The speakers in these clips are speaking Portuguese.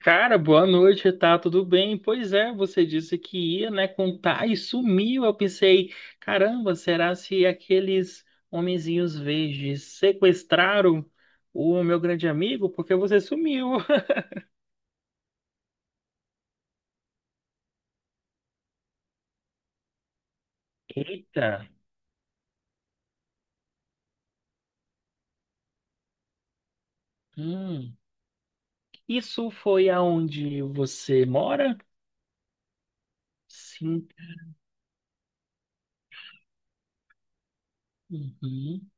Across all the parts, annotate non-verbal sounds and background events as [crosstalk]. Cara, boa noite, tá tudo bem? Pois é, você disse que ia, né, contar e sumiu. Eu pensei, caramba, será se aqueles homenzinhos verdes sequestraram o meu grande amigo? Porque você sumiu. [laughs] Eita. hum. Isso foi aonde você mora? Sim. Uhum.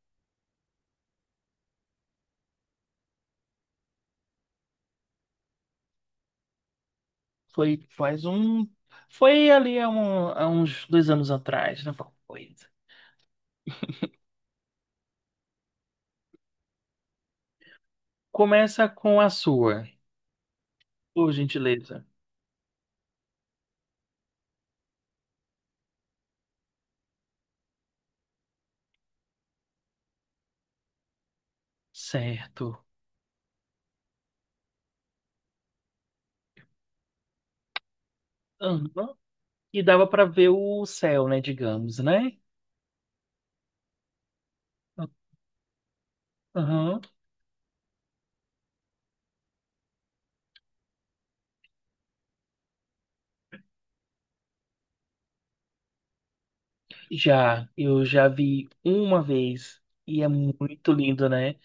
Foi faz um. Foi ali há, há uns dois anos atrás, né? Alguma coisa. Começa com a sua, por gentileza. Certo. Aham. E dava para ver o céu, né, digamos, né? Aham. Já, eu já vi uma vez e é muito lindo, né?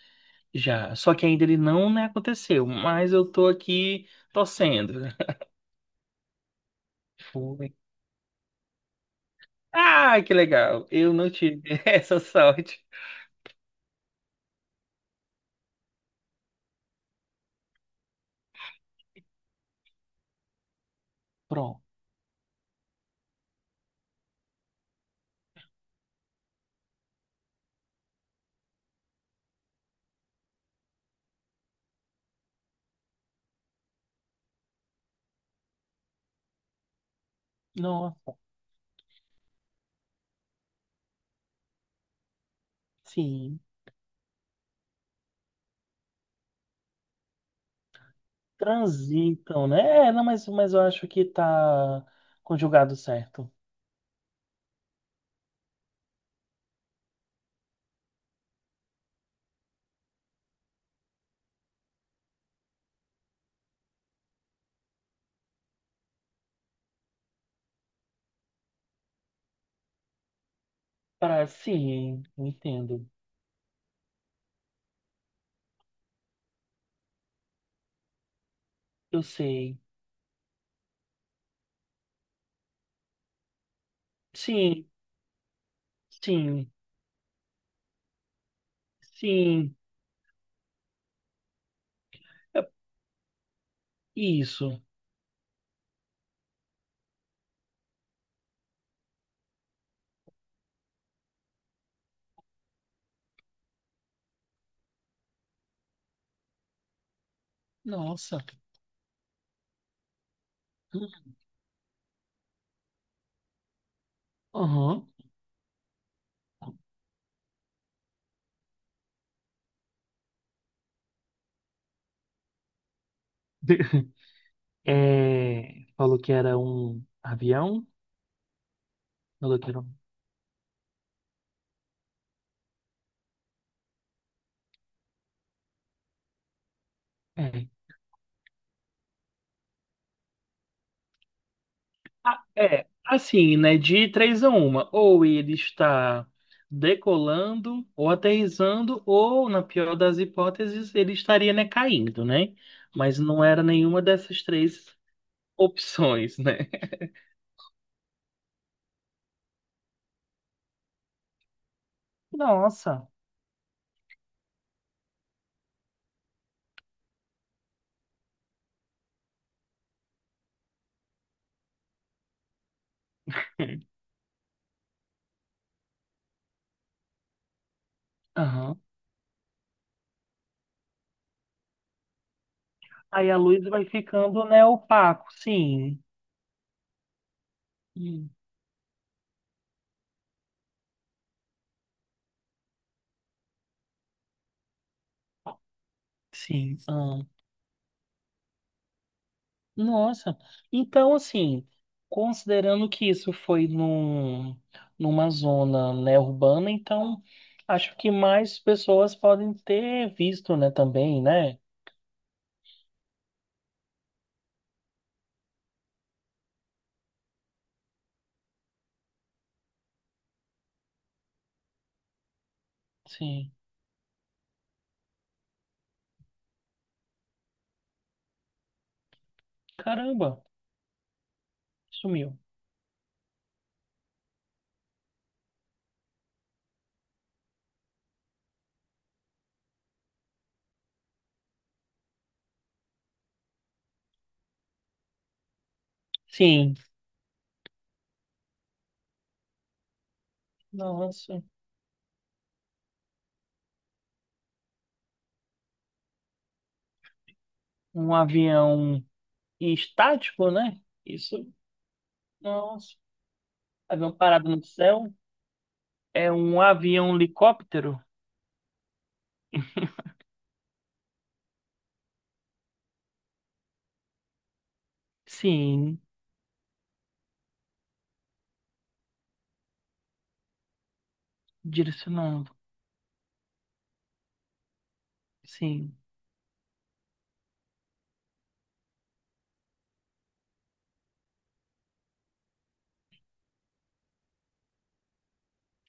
Já. Só que ainda ele não, né, aconteceu, mas eu tô aqui torcendo. [laughs] Foi. Ah, que legal. Eu não tive [laughs] essa sorte. Pronto. Não, sim. Transitam, né? É, não, mas eu acho que tá conjugado certo. Para, sim, entendo. Eu sei. Sim, sim, sim. É- Isso. Nossa. Aham. [laughs] É, falou que era um avião. Falou que era um... É. Ah, é, assim, né? De três a uma. Ou ele está decolando, ou aterrissando, ou, na pior das hipóteses, ele estaria, né, caindo, né? Mas não era nenhuma dessas três opções, né? Nossa. [laughs] Aham. Aí a luz vai ficando, né, opaco. Sim. Hum. Sim. Ah, nossa. Então, assim, considerando que numa zona, né, urbana, então acho que mais pessoas podem ter visto, né, também, né? Sim. Caramba, sumiu. Sim. Nossa. Um avião estático, né? Isso. Nossa. Avião parado no céu. É um avião helicóptero? Sim. Direcionando. Sim.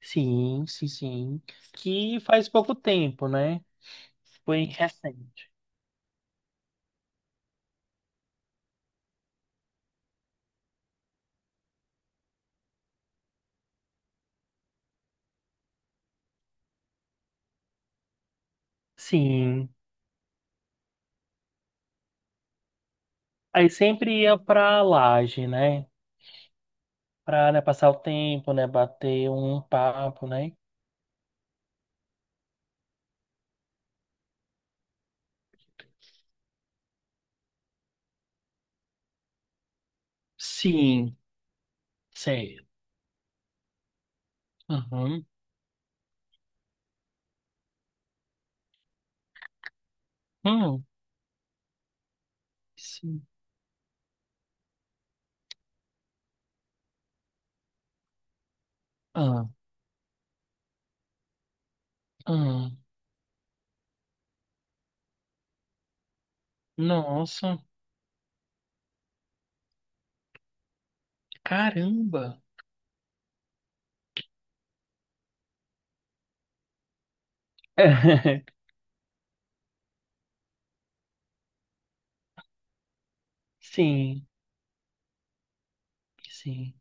Sim, sim, sim. Que faz pouco tempo, né? Foi recente. Sim. Aí sempre ia pra laje, né? Pra, né, passar o tempo, né? Bater um papo, né? Sim. Certo. Aham. Hum. Sim. Ah, ah. Nossa, caramba. [laughs] Sim, sim.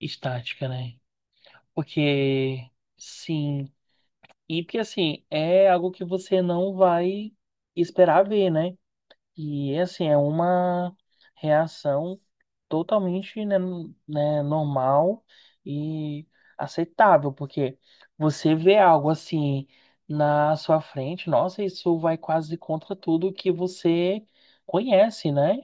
Estática, né? Porque, sim. E porque assim, é algo que você não vai esperar ver, né? E assim, é uma reação totalmente, né, né, normal e aceitável, porque você vê algo assim na sua frente, nossa, isso vai quase contra tudo que você conhece, né?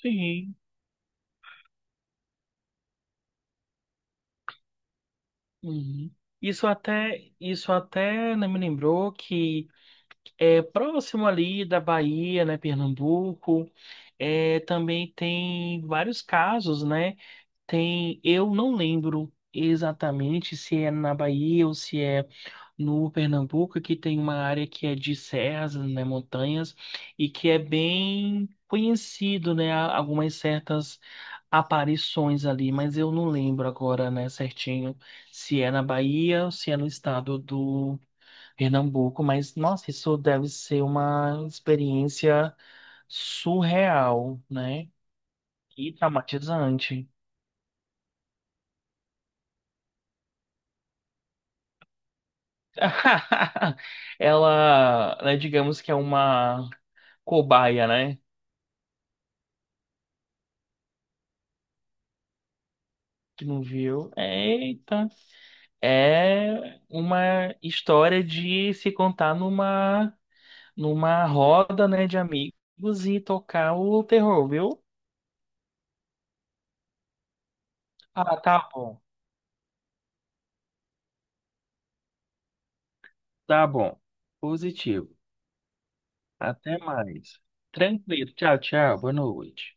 Sim. Uhum. Isso até né, me lembrou que é, próximo ali da Bahia, né, Pernambuco. É, também tem vários casos, né? Tem, eu não lembro exatamente se é na Bahia ou se é no Pernambuco, que tem uma área que é de serras, né, montanhas, e que é bem conhecido, né, algumas certas aparições ali, mas eu não lembro agora, né, certinho, se é na Bahia ou se é no estado Pernambuco, mas nossa, isso deve ser uma experiência surreal, né? E traumatizante. [laughs] Ela, né, digamos que é uma cobaia, né? Que não viu. Eita. É uma história de se contar numa numa roda, né, de amigos e tocar o terror, viu? Ah, tá bom. Tá bom. Positivo. Até mais. Tranquilo. Tchau, tchau. Boa noite.